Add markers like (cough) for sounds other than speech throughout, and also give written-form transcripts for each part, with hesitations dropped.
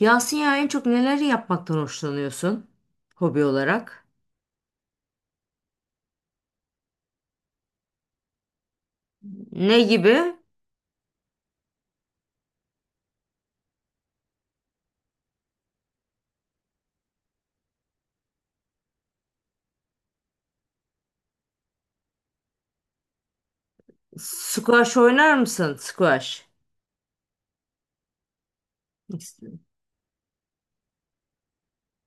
Yasin ya en çok neleri yapmaktan hoşlanıyorsun hobi olarak? Ne gibi? Squash oynar mısın? Squash. İşte-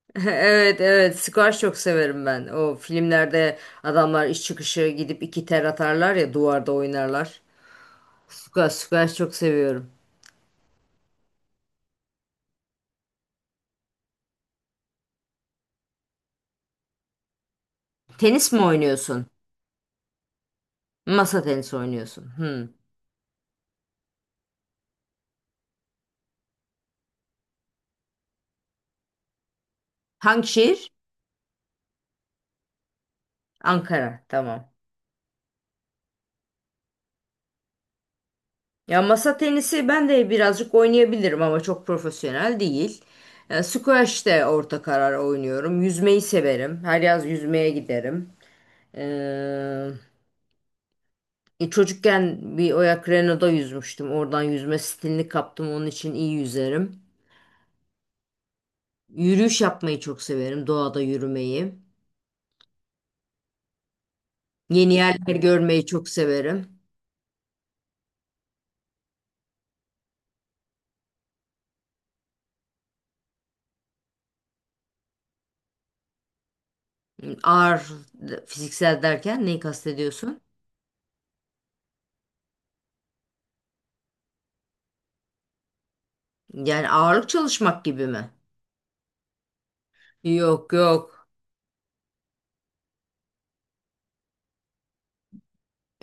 (laughs) Evet evet, squash çok severim ben. O filmlerde adamlar iş çıkışı gidip iki ter atarlar ya, duvarda oynarlar. Squash squash çok seviyorum. Tenis mi oynuyorsun? Masa tenisi oynuyorsun. Hmm. Hangi şehir? Ankara. Tamam. Ya masa tenisi ben de birazcık oynayabilirim ama çok profesyonel değil. Squash de orta karar oynuyorum. Yüzmeyi severim. Her yaz yüzmeye giderim. Ee, Çocukken bir Oyak Renault'da yüzmüştüm. Oradan yüzme stilini kaptım. Onun için iyi yüzerim. Yürüyüş yapmayı çok severim. Doğada yürümeyi. Yeni yerler görmeyi çok severim. Ağır fiziksel derken neyi kastediyorsun? Yani ağırlık çalışmak gibi mi? Yok yok.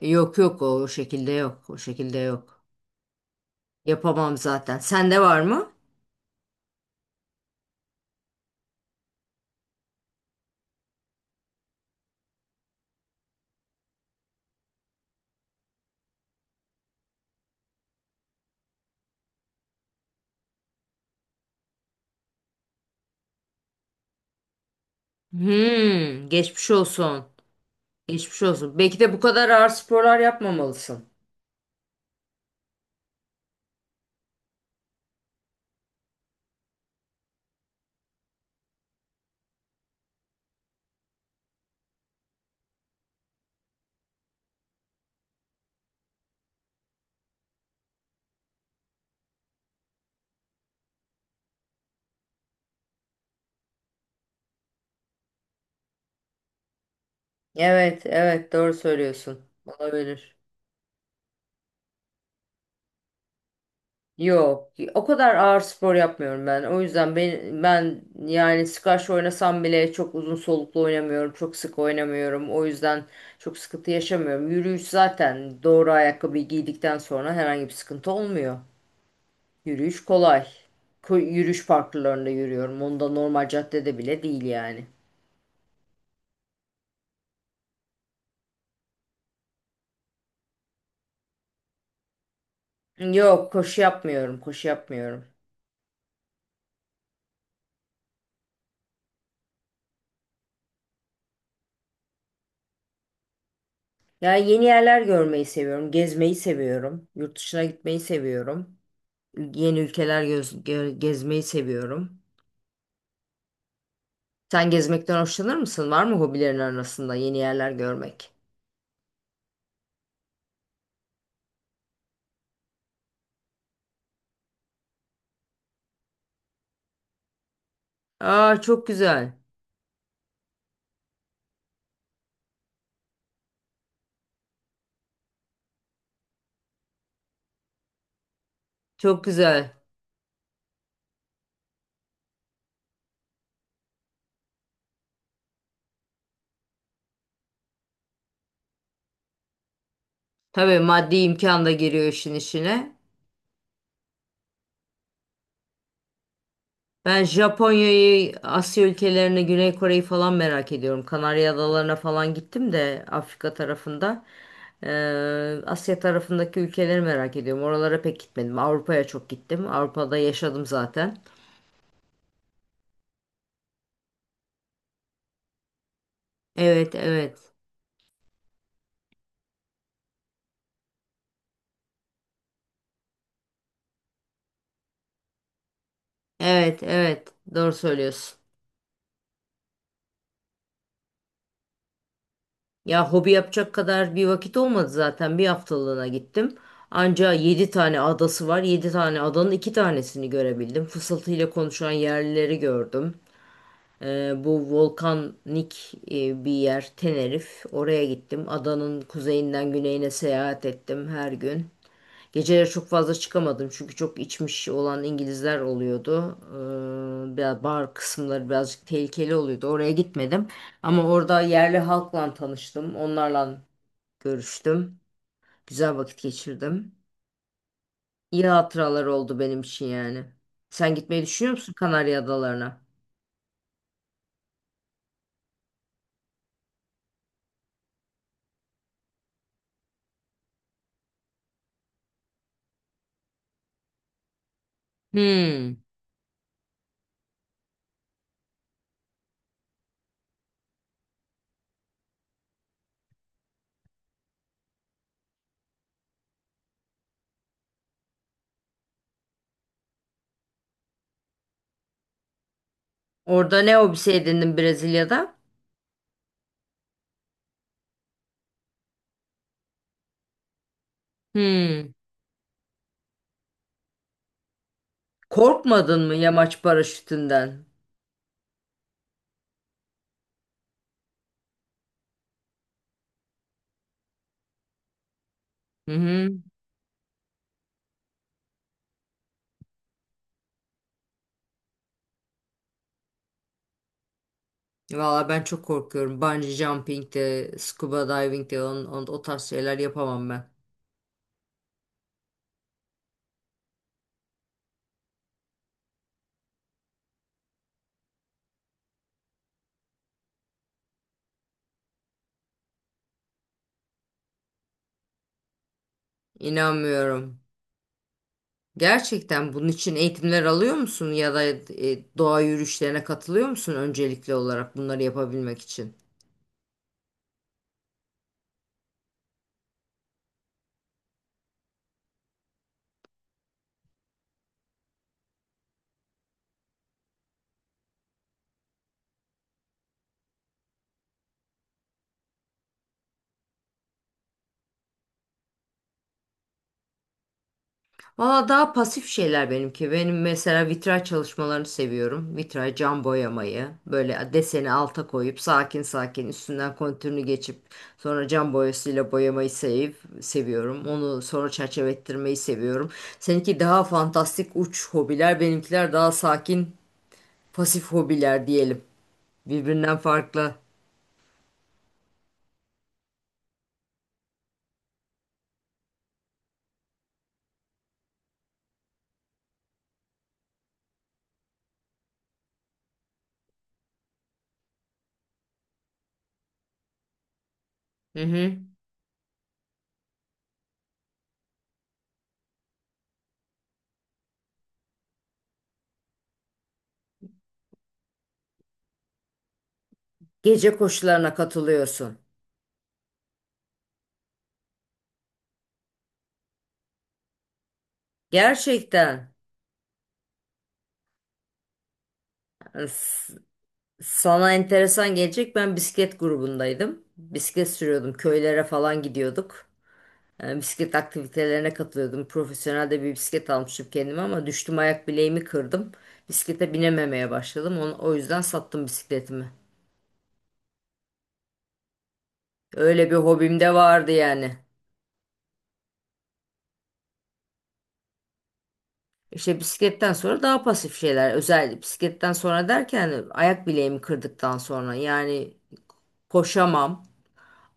Yok yok, o şekilde yok. O şekilde yok. Yapamam zaten. Sende var mı? Hmm, geçmiş olsun. Geçmiş olsun. Belki de bu kadar ağır sporlar yapmamalısın. Evet, evet, doğru söylüyorsun. Olabilir. Yok, o kadar ağır spor yapmıyorum ben. O yüzden ben yani squash oynasam bile çok uzun soluklu oynamıyorum, çok sık oynamıyorum. O yüzden çok sıkıntı yaşamıyorum. Yürüyüş zaten doğru ayakkabıyı giydikten sonra herhangi bir sıkıntı olmuyor. Yürüyüş kolay. Yürüyüş parklarında yürüyorum. Onda normal caddede bile değil yani. Yok, koşu yapmıyorum, koşu yapmıyorum. Ya yeni yerler görmeyi seviyorum, gezmeyi seviyorum, yurt dışına gitmeyi seviyorum, yeni ülkeler gezmeyi seviyorum. Sen gezmekten hoşlanır mısın? Var mı hobilerin arasında yeni yerler görmek? Aa, çok güzel, çok güzel. Tabii maddi imkan da giriyor işin içine. Ben Japonya'yı, Asya ülkelerini, Güney Kore'yi falan merak ediyorum. Kanarya Adalarına falan gittim de Afrika tarafında. Ee, Asya tarafındaki ülkeleri merak ediyorum. Oralara pek gitmedim. Avrupa'ya çok gittim. Avrupa'da yaşadım zaten. Evet, evet. Evet, evet. Doğru söylüyorsun. Ya hobi yapacak kadar bir vakit olmadı zaten. Bir haftalığına gittim. Anca 7 tane adası var. 7 tane adanın 2 tanesini görebildim. Fısıltıyla konuşan yerlileri gördüm. Bu volkanik bir yer, Tenerif. Oraya gittim. Adanın kuzeyinden güneyine seyahat ettim her gün. Geceleri çok fazla çıkamadım çünkü çok içmiş olan İngilizler oluyordu. Biraz bar kısımları birazcık tehlikeli oluyordu. Oraya gitmedim. Ama orada yerli halkla tanıştım. Onlarla görüştüm. Güzel vakit geçirdim. İyi hatıralar oldu benim için yani. Sen gitmeyi düşünüyor musun Kanarya Adalarına? Hmm. Orada ne hobisi edindin Brezilya'da? Hmm. Korkmadın mı yamaç paraşütünden? Hı hı. Valla ben çok korkuyorum. Bungee jumping de, scuba diving de, o tarz şeyler yapamam ben. İnanmıyorum. Gerçekten bunun için eğitimler alıyor musun ya da doğa yürüyüşlerine katılıyor musun öncelikli olarak bunları yapabilmek için? Valla daha pasif şeyler benimki. Benim mesela vitray çalışmalarını seviyorum. Vitray cam boyamayı. Böyle deseni alta koyup sakin sakin üstünden kontürünü geçip sonra cam boyasıyla boyamayı seviyorum. Onu sonra çerçeve ettirmeyi seviyorum. Seninki daha fantastik uç hobiler, benimkiler daha sakin pasif hobiler diyelim. Birbirinden farklı. Hı hı. Gece koşularına katılıyorsun. Gerçekten. Sana enteresan gelecek. Ben bisiklet grubundaydım. Bisiklet sürüyordum. Köylere falan gidiyorduk. Yani bisiklet aktivitelerine katılıyordum. Profesyonel de bir bisiklet almıştım kendime ama düştüm, ayak bileğimi kırdım. Bisiklete binememeye başladım. O yüzden sattım bisikletimi. Öyle bir hobim de vardı yani. İşte bisikletten sonra daha pasif şeyler. Özel bisikletten sonra derken, ayak bileğimi kırdıktan sonra yani koşamam.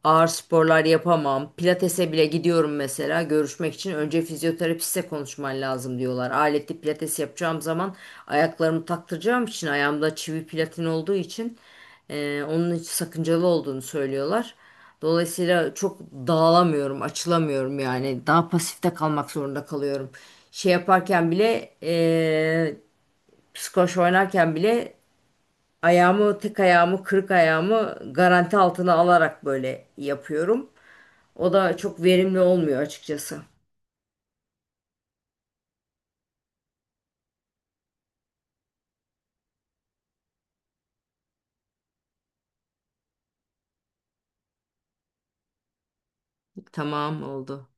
Ağır sporlar yapamam. Pilatese bile gidiyorum mesela görüşmek için. Önce fizyoterapiste konuşman lazım diyorlar. Aletli pilates yapacağım zaman ayaklarımı taktıracağım için, ayağımda çivi platin olduğu için onun hiç sakıncalı olduğunu söylüyorlar. Dolayısıyla çok dağılamıyorum, açılamıyorum yani. Daha pasifte kalmak zorunda kalıyorum. Şey yaparken bile, squash oynarken bile tek ayağımı, kırık ayağımı garanti altına alarak böyle yapıyorum. O da çok verimli olmuyor açıkçası. Tamam, oldu.